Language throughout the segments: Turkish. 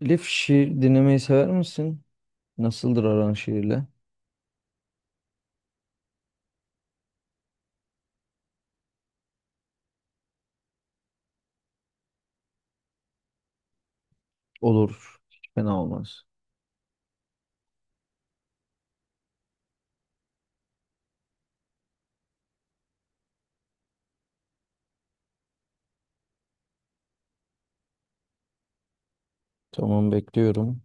Elif şiir dinlemeyi sever misin? Nasıldır aran şiirle? Olur. Hiç fena olmaz. Tamam bekliyorum.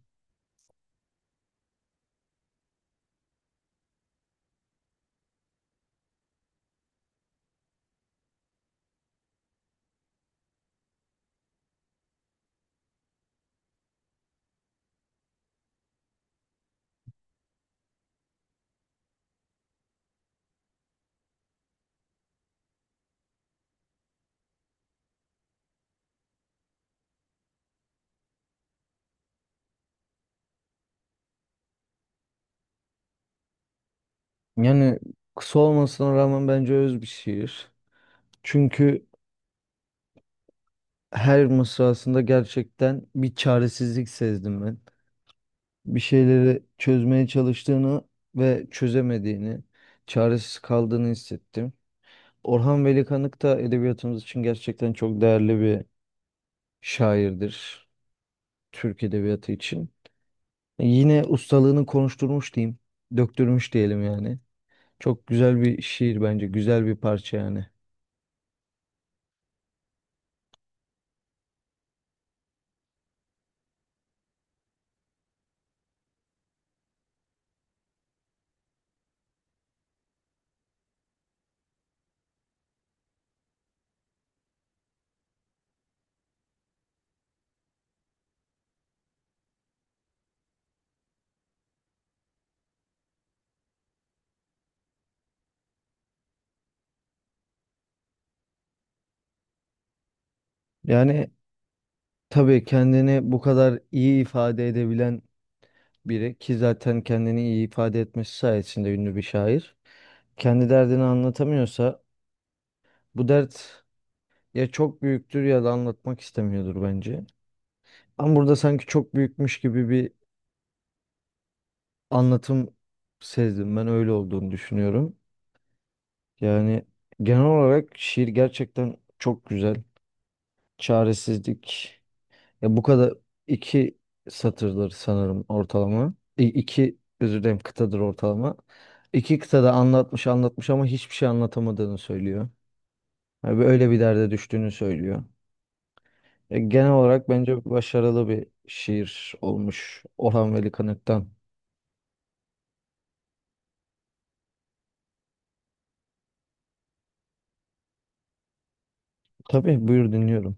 Yani kısa olmasına rağmen bence öz bir şiir. Çünkü her mısrasında gerçekten bir çaresizlik sezdim ben. Bir şeyleri çözmeye çalıştığını ve çözemediğini, çaresiz kaldığını hissettim. Orhan Veli Kanık da edebiyatımız için gerçekten çok değerli bir şairdir. Türk edebiyatı için. Yine ustalığını konuşturmuş diyeyim. Döktürmüş diyelim yani. Çok güzel bir şiir bence. Güzel bir parça yani. Yani tabii kendini bu kadar iyi ifade edebilen biri ki zaten kendini iyi ifade etmesi sayesinde ünlü bir şair. Kendi derdini anlatamıyorsa bu dert ya çok büyüktür ya da anlatmak istemiyordur bence. Ama burada sanki çok büyükmüş gibi bir anlatım sezdim. Ben öyle olduğunu düşünüyorum. Yani genel olarak şiir gerçekten çok güzel. Çaresizlik. Ya bu kadar iki satırdır sanırım ortalama. İ iki özür dilerim kıtadır ortalama. İki kıtada anlatmış anlatmış ama hiçbir şey anlatamadığını söylüyor. Yani öyle bir derde düştüğünü söylüyor. Ya genel olarak bence başarılı bir şiir olmuş Orhan Veli Kanık'tan. Tabii buyur dinliyorum.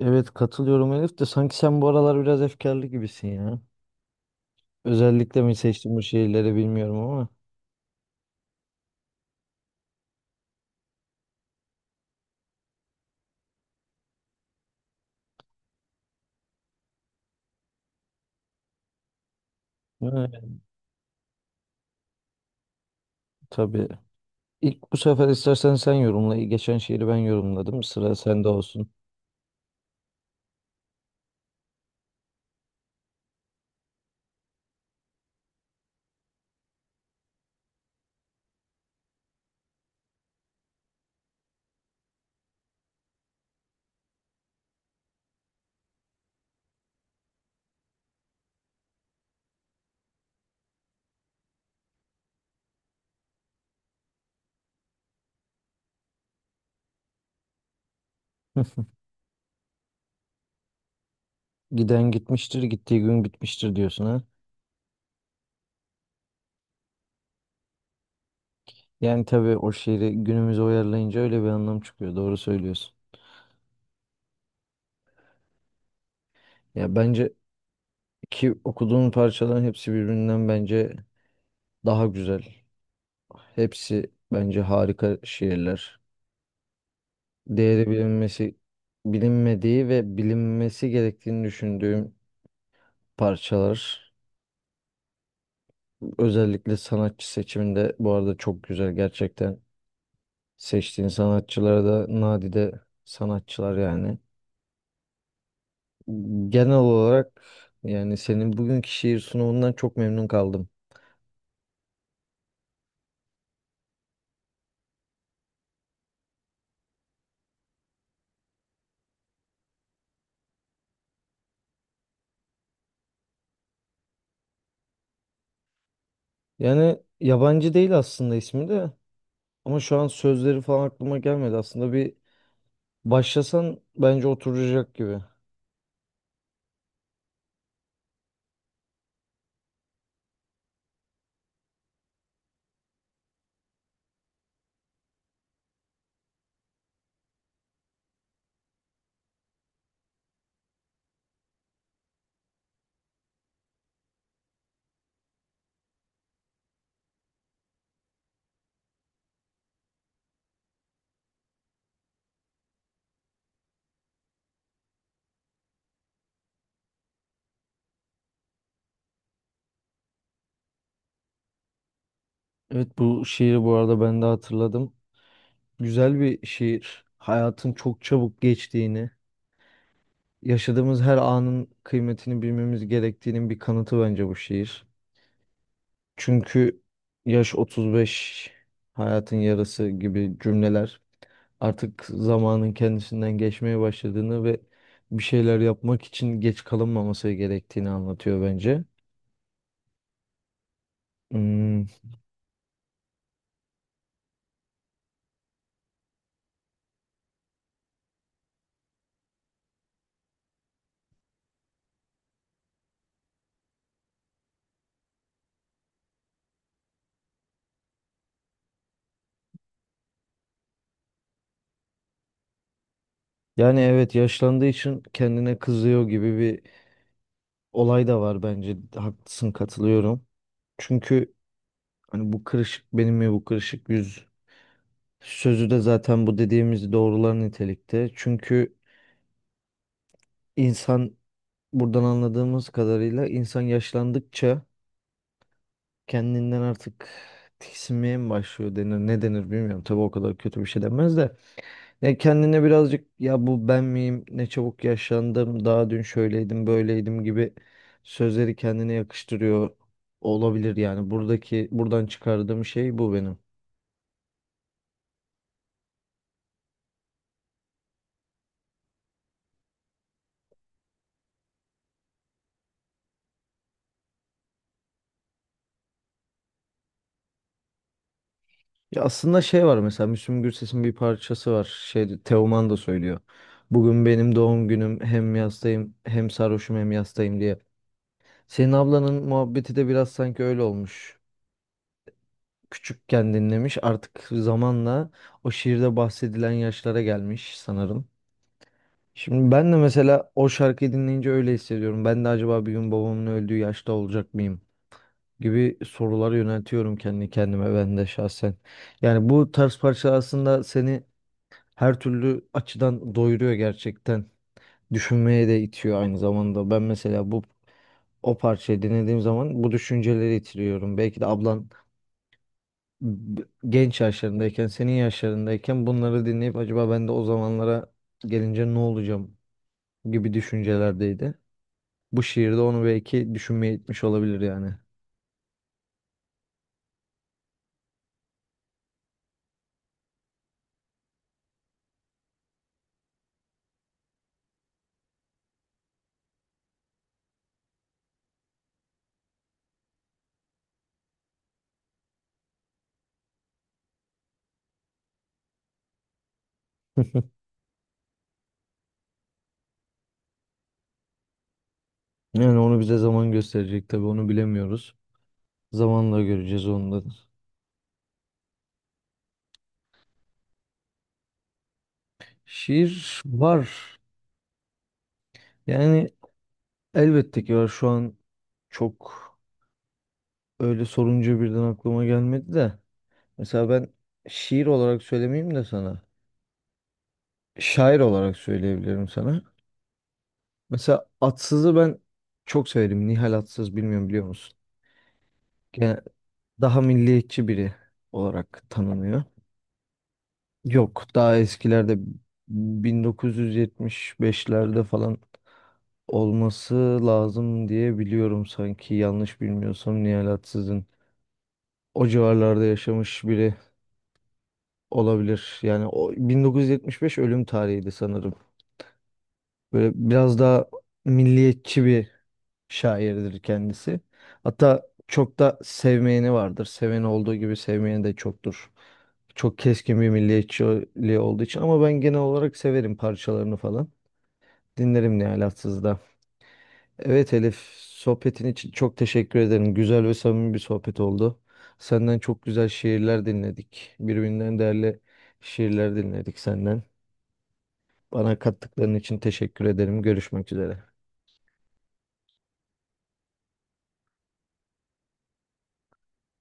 Evet katılıyorum Elif de sanki sen bu aralar biraz efkarlı gibisin ya. Özellikle mi seçtim bu şiirleri bilmiyorum ama. Evet. Tabii. İlk bu sefer istersen sen yorumla. Geçen şiiri ben yorumladım. Sıra sende olsun. Giden gitmiştir, gittiği gün bitmiştir diyorsun ha. Yani tabii o şiiri günümüze uyarlayınca öyle bir anlam çıkıyor. Doğru söylüyorsun. Ya bence ki okuduğun parçaların hepsi birbirinden bence daha güzel. Hepsi bence harika şiirler. Değeri bilinmesi, bilinmediği ve bilinmesi gerektiğini düşündüğüm parçalar. Özellikle sanatçı seçiminde bu arada çok güzel gerçekten. Seçtiğin sanatçılara da nadide sanatçılar yani. Genel olarak yani senin bugünkü şiir sunumundan çok memnun kaldım. Yani yabancı değil aslında ismi de ama şu an sözleri falan aklıma gelmedi. Aslında bir başlasan bence oturacak gibi. Evet bu şiiri bu arada ben de hatırladım. Güzel bir şiir. Hayatın çok çabuk geçtiğini. Yaşadığımız her anın kıymetini bilmemiz gerektiğinin bir kanıtı bence bu şiir. Çünkü yaş 35, hayatın yarısı gibi cümleler artık zamanın kendisinden geçmeye başladığını ve bir şeyler yapmak için geç kalınmaması gerektiğini anlatıyor bence. Hmm, Yani evet yaşlandığı için kendine kızıyor gibi bir olay da var bence. Haklısın katılıyorum. Çünkü hani bu kırışık benim mi bu kırışık yüz sözü de zaten bu dediğimiz doğrular nitelikte. Çünkü insan buradan anladığımız kadarıyla insan yaşlandıkça kendinden artık tiksinmeye mi başlıyor denir ne denir bilmiyorum. Tabii o kadar kötü bir şey denmez de. Ne kendine birazcık ya bu ben miyim ne çabuk yaşlandım daha dün şöyleydim böyleydim gibi sözleri kendine yakıştırıyor olabilir yani. Buradaki buradan çıkardığım şey bu benim. Ya aslında şey var mesela Müslüm Gürses'in bir parçası var. Şey Teoman da söylüyor. Bugün benim doğum günüm hem yastayım hem sarhoşum hem yastayım diye. Senin ablanın muhabbeti de biraz sanki öyle olmuş. Küçükken dinlemiş artık zamanla o şiirde bahsedilen yaşlara gelmiş sanırım. Şimdi ben de mesela o şarkıyı dinleyince öyle hissediyorum. Ben de acaba bir gün babamın öldüğü yaşta olacak mıyım gibi soruları yöneltiyorum kendi kendime ben de şahsen. Yani bu tarz parça aslında seni her türlü açıdan doyuruyor gerçekten. Düşünmeye de itiyor aynı zamanda. Ben mesela bu o parçayı dinlediğim zaman bu düşünceleri itiriyorum. Belki de ablan b- genç yaşlarındayken, senin yaşlarındayken bunları dinleyip acaba ben de o zamanlara gelince ne olacağım gibi düşüncelerdeydi. Bu şiirde onu belki düşünmeye itmiş olabilir yani. Yani onu bize zaman gösterecek tabii onu bilemiyoruz. Zamanla göreceğiz onu da. Şiir var. Yani elbette ki var. Şu an çok öyle sorunca birden aklıma gelmedi de. Mesela ben şiir olarak söylemeyeyim de sana. Şair olarak söyleyebilirim sana. Mesela Atsız'ı ben çok severim. Nihal Atsız bilmiyorum biliyor musun? Gene daha milliyetçi biri olarak tanınıyor. Yok daha eskilerde 1975'lerde falan olması lazım diye biliyorum sanki yanlış bilmiyorsam Nihal Atsız'ın. O civarlarda yaşamış biri olabilir. Yani o 1975 ölüm tarihiydi sanırım. Böyle biraz daha milliyetçi bir şairdir kendisi. Hatta çok da sevmeyeni vardır. Seveni olduğu gibi sevmeyeni de çoktur. Çok keskin bir milliyetçiliği olduğu için ama ben genel olarak severim parçalarını falan. Dinlerim ne alaksız da. Evet Elif, sohbetin için çok teşekkür ederim. Güzel ve samimi bir sohbet oldu. Senden çok güzel şiirler dinledik. Birbirinden değerli şiirler dinledik senden. Bana kattıkların için teşekkür ederim. Görüşmek üzere.